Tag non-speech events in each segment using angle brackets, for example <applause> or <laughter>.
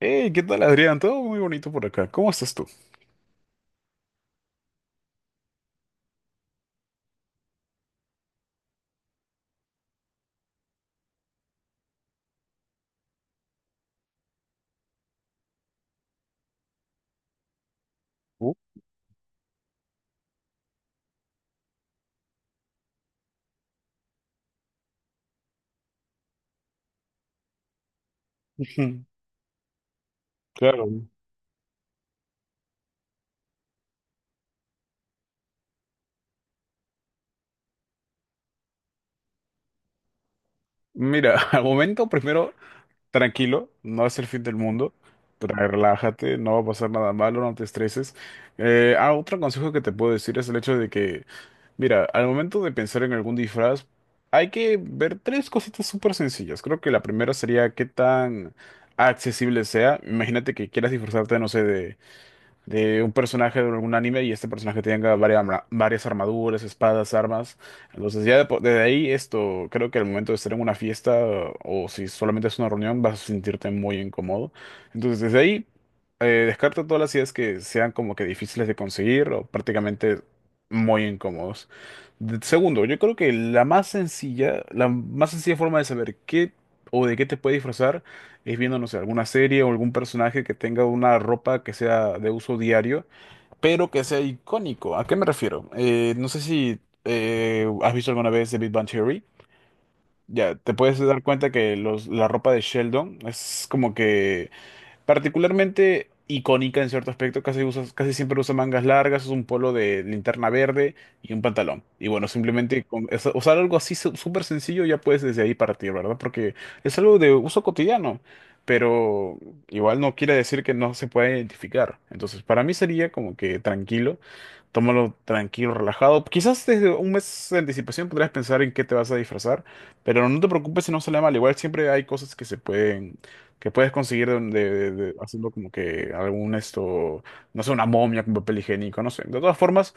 Hey, ¿qué tal, Adrián? Todo muy bonito por acá. ¿Cómo estás tú? Uh, ujú. Claro. Mira, <laughs> al momento primero, tranquilo, no es el fin del mundo. Relájate, no va a pasar nada malo, no te estreses. Otro consejo que te puedo decir es el hecho de que, mira, al momento de pensar en algún disfraz, hay que ver tres cositas súper sencillas. Creo que la primera sería qué tan accesible sea. Imagínate que quieras disfrazarte, no sé, de un personaje de algún anime y este personaje tenga varias armaduras, espadas, armas. Entonces ya desde ahí esto, creo que al momento de estar en una fiesta o si solamente es una reunión vas a sentirte muy incómodo. Entonces desde ahí descarto todas las ideas que sean como que difíciles de conseguir o prácticamente muy incómodos. Segundo, yo creo que la más sencilla forma de saber qué o de qué te puede disfrazar es viendo, no sé, alguna serie o algún personaje que tenga una ropa que sea de uso diario, pero que sea icónico. ¿A qué me refiero? No sé si has visto alguna vez The Big Bang Theory. Ya, te puedes dar cuenta que la ropa de Sheldon es como que particularmente icónica en cierto aspecto, casi siempre usa mangas largas, es un polo de linterna verde y un pantalón. Y bueno, simplemente con usar algo así súper sencillo ya puedes desde ahí partir, ¿verdad? Porque es algo de uso cotidiano, pero igual no quiere decir que no se pueda identificar. Entonces, para mí sería como que tranquilo, tómalo tranquilo, relajado. Quizás desde un mes de anticipación podrías pensar en qué te vas a disfrazar, pero no te preocupes si no sale mal. Igual siempre hay cosas que se pueden que puedes conseguir haciendo como que algún esto, no sé, una momia con papel higiénico, no sé. De todas formas,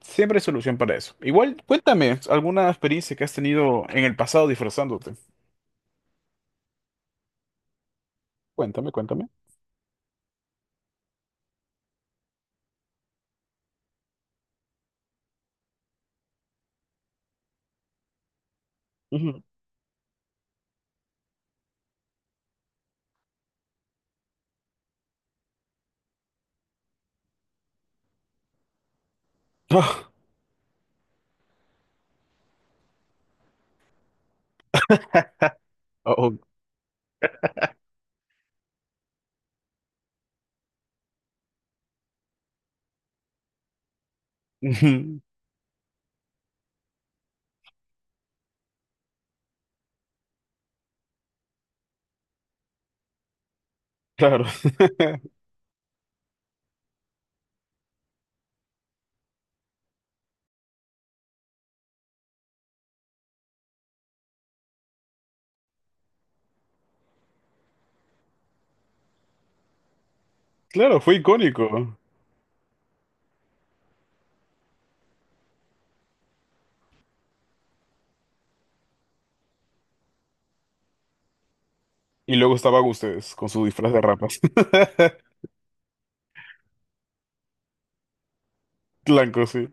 siempre hay solución para eso. Igual, cuéntame alguna experiencia que has tenido en el pasado disfrazándote. Cuéntame, cuéntame. Ujú. Ah, oh, ujú. Claro, <laughs> claro, fue icónico. Y luego estaba ustedes con su disfraz de rapas, <laughs> blanco, sí,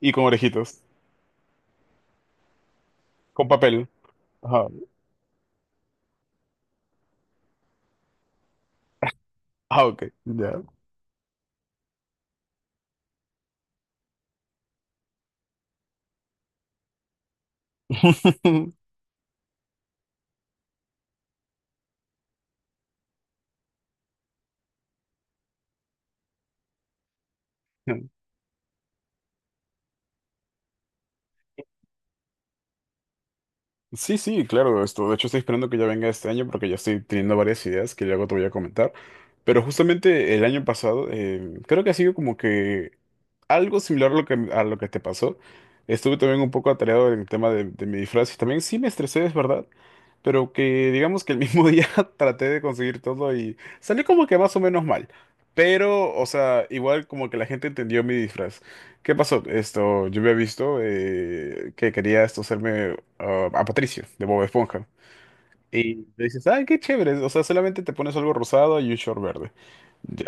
y con orejitas, con papel. Ajá. Ah, ok, ya. <laughs> Sí, sí, claro, esto. De hecho, estoy esperando que ya venga este año porque ya estoy teniendo varias ideas que luego te voy a comentar. Pero justamente el año pasado, creo que ha sido como que algo similar a lo que te pasó. Estuve también un poco atareado en el tema de mi disfraz y también sí me estresé, es verdad. Pero que digamos que el mismo <laughs> día traté de conseguir todo y salió como que más o menos mal. Pero, o sea, igual como que la gente entendió mi disfraz. ¿Qué pasó? Esto, yo había visto que quería esto hacerme a Patricio, de Bob Esponja. Y le dices, ah, qué chévere, o sea, solamente te pones algo rosado y un short verde. Ya.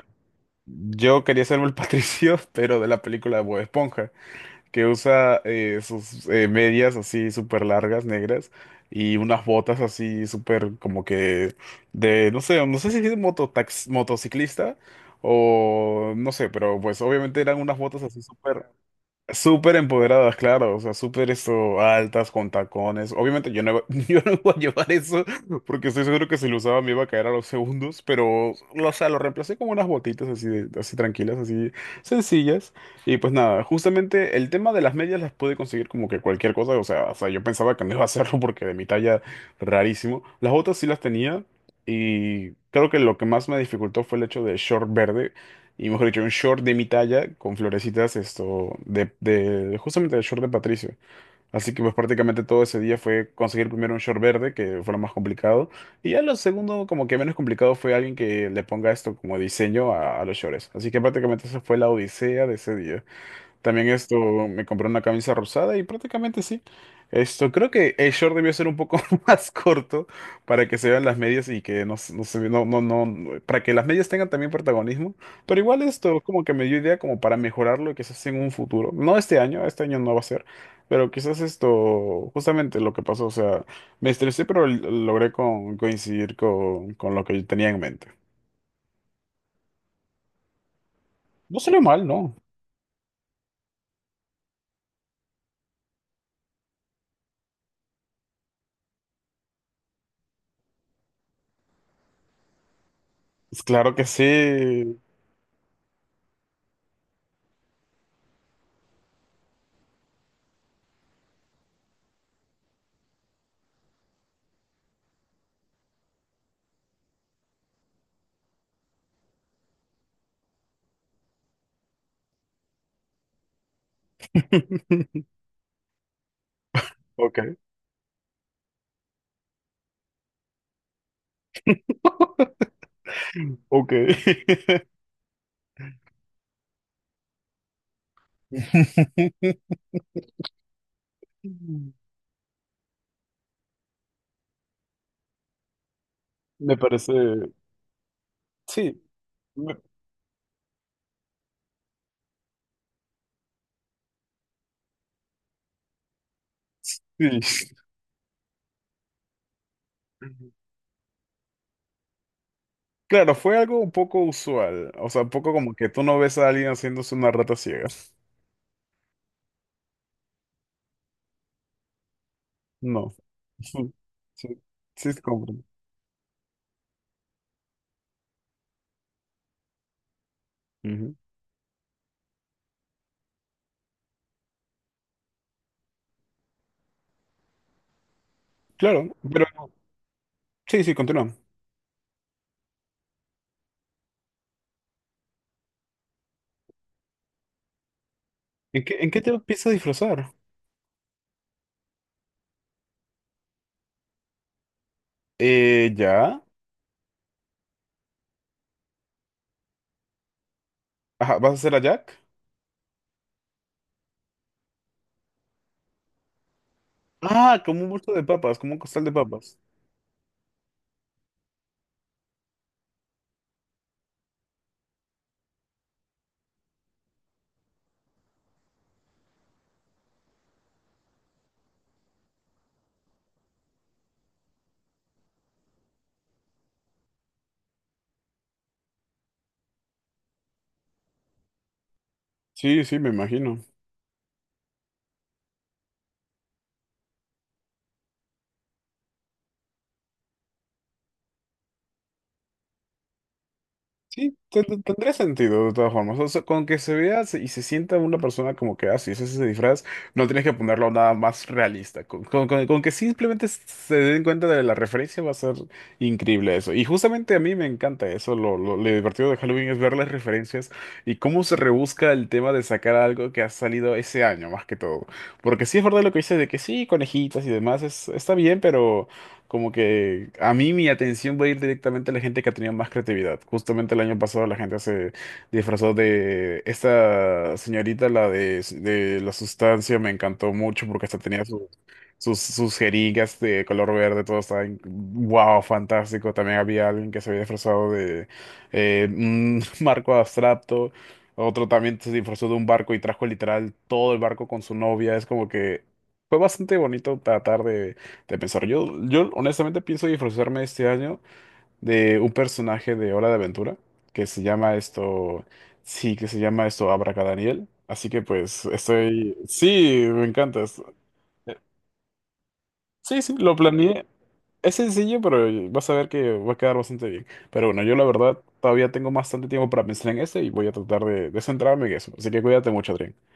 Yo quería hacerme el Patricio, <laughs> pero de la película de Bob Esponja, que usa sus medias así súper largas, negras, y unas botas así súper como que de, no sé, no sé si es mototax, motociclista o no sé, pero pues obviamente eran unas botas así súper... Súper empoderadas, claro, o sea, súper esto, altas, con tacones. Obviamente yo no, iba- <laughs> yo no voy a llevar eso porque estoy seguro que si lo usaba me iba a caer a los segundos, pero, o sea, lo reemplacé con unas botitas así, así tranquilas, así sencillas. Y pues nada, justamente el tema de las medias las pude conseguir como que cualquier cosa, o sea, yo pensaba que no iba a hacerlo porque de mi talla, rarísimo. Las botas sí las tenía y creo que lo que más me dificultó fue el hecho de short verde y mejor dicho, un short de mi talla con florecitas, esto, de justamente el short de Patricio. Así que pues prácticamente todo ese día fue conseguir primero un short verde, que fue lo más complicado, y ya lo segundo, como que menos complicado, fue alguien que le ponga esto como diseño a los shorts. Así que prácticamente esa fue la odisea de ese día. También esto, me compré una camisa rosada y prácticamente sí. Esto, creo que el short debió ser un poco <laughs> más corto para que se vean las medias y que no, se- no se ve- no, no, no, no- para que las medias tengan también protagonismo. Pero igual esto como que me dio idea como para mejorarlo y quizás en un futuro. No este año, este año no va a ser, pero quizás esto, justamente lo que pasó, o sea, me estresé, pero logré coincidir con lo que yo tenía en mente. No salió mal, ¿no? Pues claro que sí. Ok. <laughs> Ok. <laughs> Me parece. Sí. me- Sí. Claro, fue algo un poco usual. O sea, un poco como que tú no ves a alguien haciéndose una rata ciega. No. <laughs> Sí, sí, sí, te comprendo. Ujú. Claro, pero sí, sí, continúa. En qué te empiezas a disfrazar? Ya. Ajá, ¿vas a hacer a Jack? Ah, como un bulto de papas, como un costal de papas. Sí, sí, me imagino. Sí, tendría sentido de todas formas. O sea, con que se vea y se sienta una persona como que, ah, sí, ese es ese disfraz, no tienes que ponerlo nada más realista. Con que simplemente se den cuenta de la referencia va a ser increíble eso. Y justamente a mí me encanta eso. Lo divertido de Halloween es ver las referencias y cómo se rebusca el tema de sacar algo que ha salido ese año, más que todo. Porque sí es verdad lo que dices de que sí, conejitas y demás, es, está bien, pero... Como que a mí mi atención va a ir directamente a la gente que ha tenido más creatividad. Justamente el año pasado la gente se disfrazó de esta señorita, de la sustancia, me encantó mucho porque hasta tenía sus, sus jeringas de color verde, todo estaba en- wow, fantástico. También había alguien que se había disfrazado de un <laughs> marco abstracto. Otro también se disfrazó de un barco y trajo literal todo el barco con su novia. Es como que fue bastante bonito tratar de pensar. Yo honestamente pienso disfrazarme este año de un personaje de Hora de Aventura que se llama esto, sí, que se llama esto Abracadaniel. Así que pues estoy, sí, me encanta esto. Eh, Sí, sí, lo planeé. Es sencillo, pero vas a ver que va a quedar bastante bien. Pero bueno, yo la verdad todavía tengo bastante tiempo para pensar en este y voy a tratar de centrarme en eso. Así que cuídate mucho, Adrián.